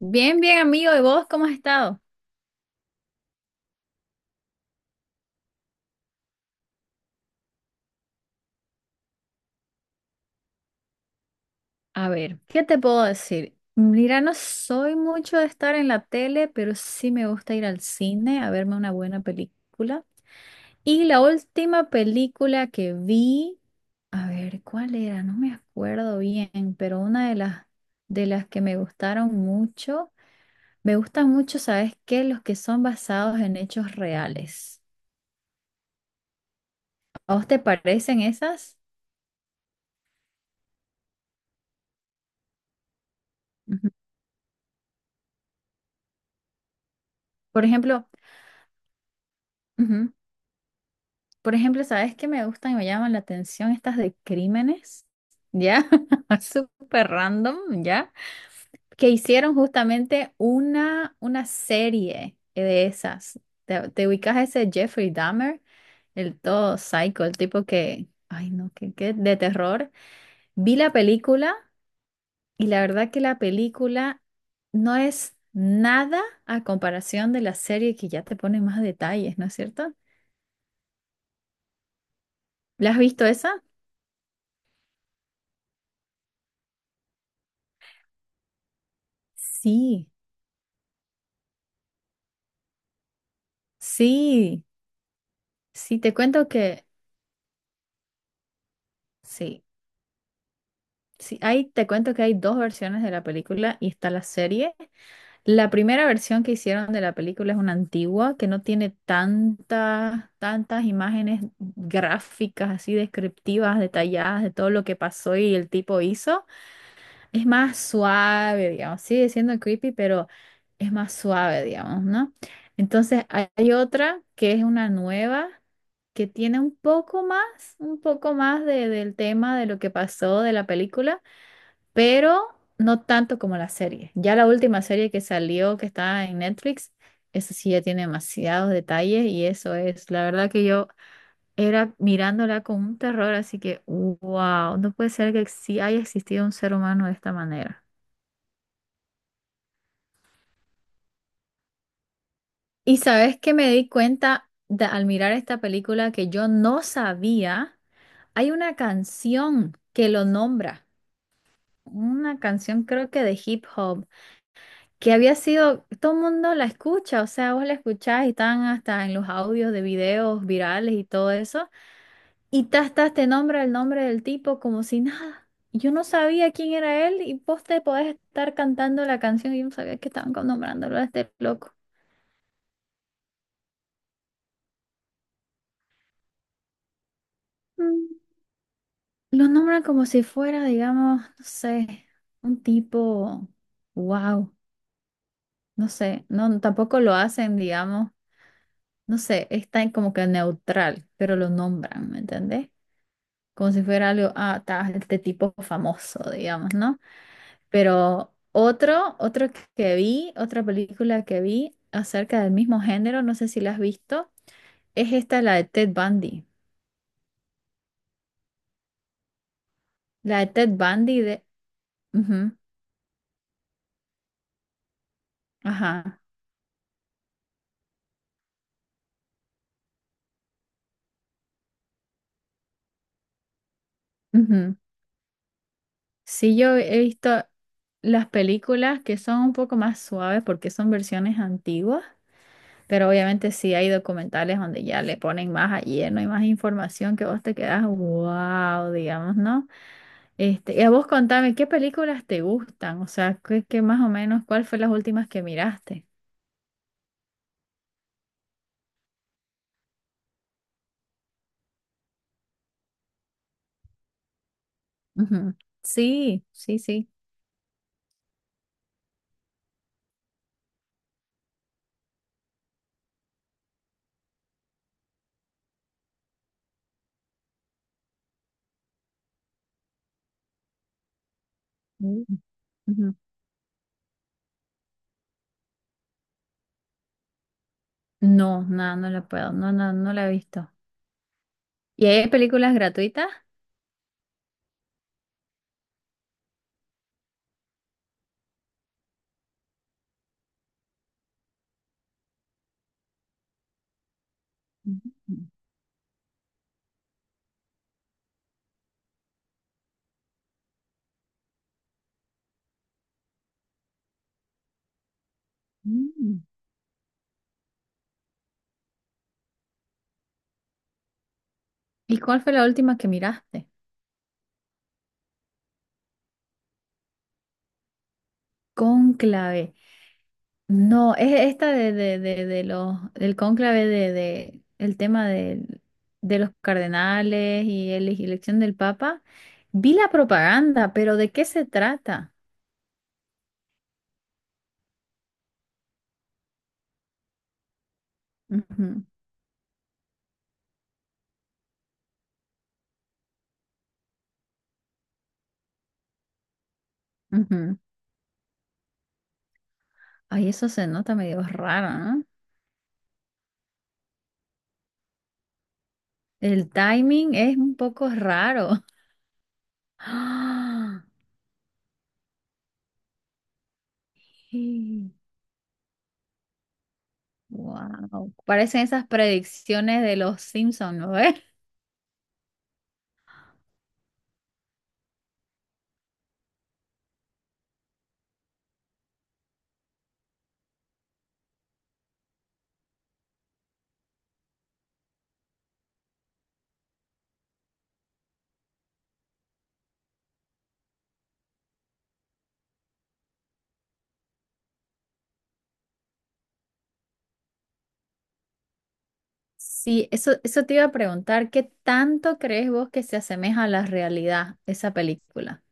Bien, bien, amigo. ¿Y vos cómo has estado? A ver, ¿qué te puedo decir? Mira, no soy mucho de estar en la tele, pero sí me gusta ir al cine a verme una buena película. Y la última película que vi, a ver, ¿cuál era? No me acuerdo bien, pero una de las que me gustaron mucho, me gustan mucho, ¿sabes qué? Los que son basados en hechos reales. ¿A vos te parecen esas? Ujú. Por ejemplo, ujú. Por ejemplo, ¿sabes qué me gustan y me llaman la atención? Estas de crímenes, ¿ya? Súper random, ¿ya? Que hicieron justamente una serie de esas. ¿Te ubicas a ese Jeffrey Dahmer? El todo psycho, el tipo que, ay no, que de terror. Vi la película y la verdad que la película no es nada a comparación de la serie que ya te pone más detalles, ¿no es cierto? ¿La has visto esa? Sí. Sí, sí, te cuento que, sí, sí, ahí te cuento que hay dos versiones de la película y está la serie. La primera versión que hicieron de la película es una antigua que no tiene tantas, tantas imágenes gráficas así descriptivas, detalladas de todo lo que pasó y el tipo hizo. Es más suave, digamos. Sigue siendo creepy, pero es más suave, digamos, ¿no? Entonces hay otra que es una nueva, que tiene un poco más de- del tema de lo que pasó de la película, pero no tanto como la serie. Ya la última serie que salió, que está en Netflix, eso sí ya tiene demasiados detalles y eso es, la verdad que yo era mirándola con un terror, así que, wow, no puede ser que sí haya existido un ser humano de esta manera. Y sabes que me di cuenta de- al mirar esta película que yo no sabía, hay una canción que lo nombra, una canción creo que de hip hop, que había sido, todo el mundo la escucha, o sea, vos la escuchás y están hasta en los audios de videos virales y todo eso, y tas, tas, te nombra el nombre del tipo como si nada. Yo no sabía quién era él y vos te podés estar cantando la canción y yo no sabía que estaban nombrándolo a este loco. Lo nombran como si fuera, digamos, no sé, un tipo, wow, no sé, no, tampoco lo hacen, digamos, no sé, está en como que neutral, pero lo nombran, ¿me entendés? Como si fuera algo, ah, ta, este tipo famoso, digamos, ¿no? Pero otro, otro que vi, otra película que vi acerca del mismo género, no sé si la has visto, es esta, la de Ted Bundy. La de Ted Bundy de... ujú, ajá. Ujú. Sí, yo he visto las películas que son un poco más suaves porque son versiones antiguas, pero obviamente sí hay documentales donde ya le ponen más a lleno y más información que vos te quedas, wow, digamos, ¿no? Este, y a vos contame, ¿qué películas te gustan? O sea, ¿qué, qué más o menos, cuál fue las últimas que miraste? Ujú. Sí, sí, sí. Mm. Ujú. No, no la puedo, no la he visto. ¿Y hay películas gratuitas? Ujú. Mm. ¿Y cuál fue la última que miraste? Cónclave. No, es esta de, de los, del cónclave de el tema del- de, los cardenales y la elección del Papa. Vi la propaganda, pero ¿de qué se trata? Ujú, ujú. Ay, eso se nota medio raro, ¿no? El timing es un poco raro. Wow. Parecen esas predicciones de los Simpsons, ¿no? Sí, eso te iba a preguntar, ¿qué tanto crees vos que se asemeja a la realidad esa película?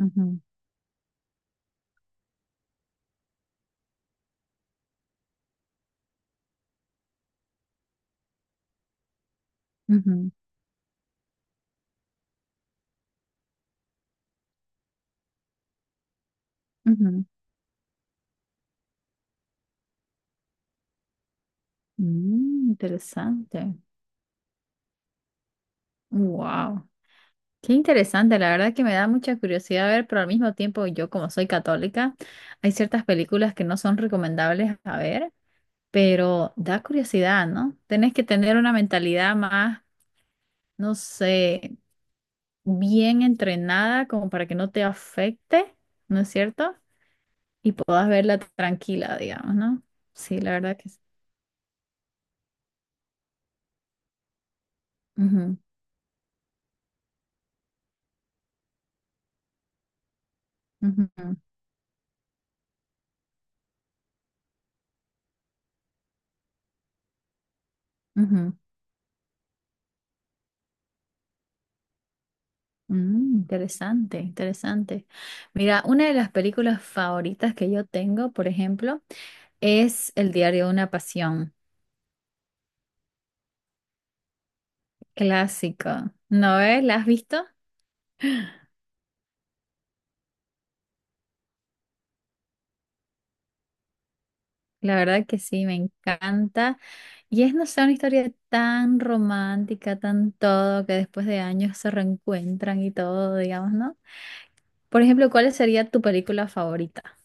Ujú, ujú, ujú. Mm, interesante. Wow. Qué interesante, la verdad que me da mucha curiosidad ver, pero al mismo tiempo yo como soy católica, hay ciertas películas que no son recomendables a ver, pero da curiosidad, ¿no? Tenés que tener una mentalidad más, no sé, bien entrenada como para que no te afecte, ¿no es cierto? Y puedas verla tranquila, digamos, ¿no? Sí, la verdad que sí. Ujú, ujú, ujú. Mm, interesante, interesante. Mira, una de las películas favoritas que yo tengo, por ejemplo, es El diario de una pasión, clásico. ¿No ves? ¿La has visto? La verdad que sí, me encanta. Y es, no sé, una historia tan romántica, tan todo, que después de años se reencuentran y todo, digamos, ¿no? Por ejemplo, ¿cuál sería tu película favorita?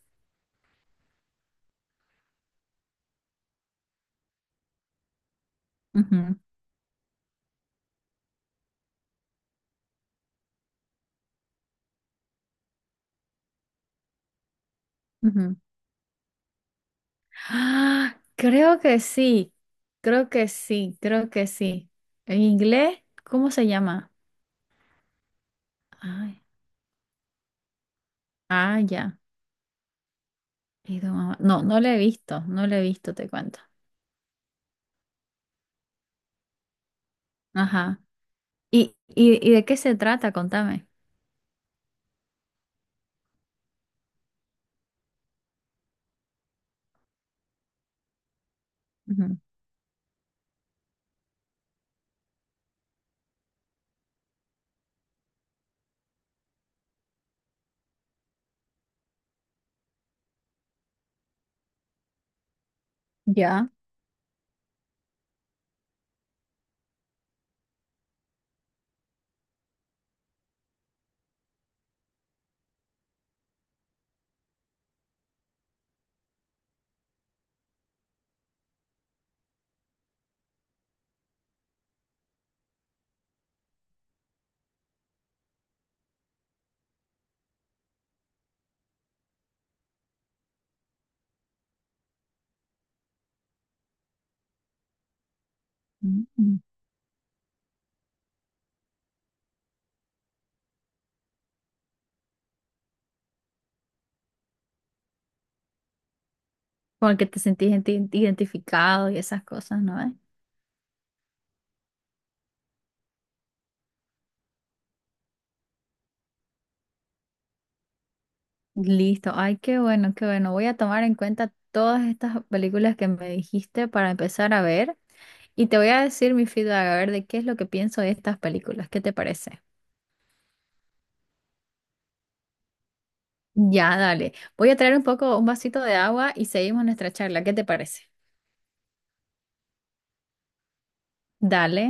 Ujú, ujú. Ah, creo que sí, creo que sí, creo que sí. En inglés, ¿cómo se llama? Ay, ah, ya. Y tu mamá- No, no lo he visto, no lo he visto, te cuento. Ajá. ¿Y de qué se trata? Contame. Ujú. Ya. Mm. Con el que te sentís identi- identificado y esas cosas, ¿no? ¿Eh? Listo. Ay, qué bueno, qué bueno. Voy a tomar en cuenta todas estas películas que me dijiste para empezar a ver. Y te voy a decir mi feedback, a ver de qué es lo que pienso de estas películas. ¿Qué te parece? Ya, dale. Voy a traer un poco, un vasito de agua y seguimos nuestra charla. ¿Qué te parece? Dale.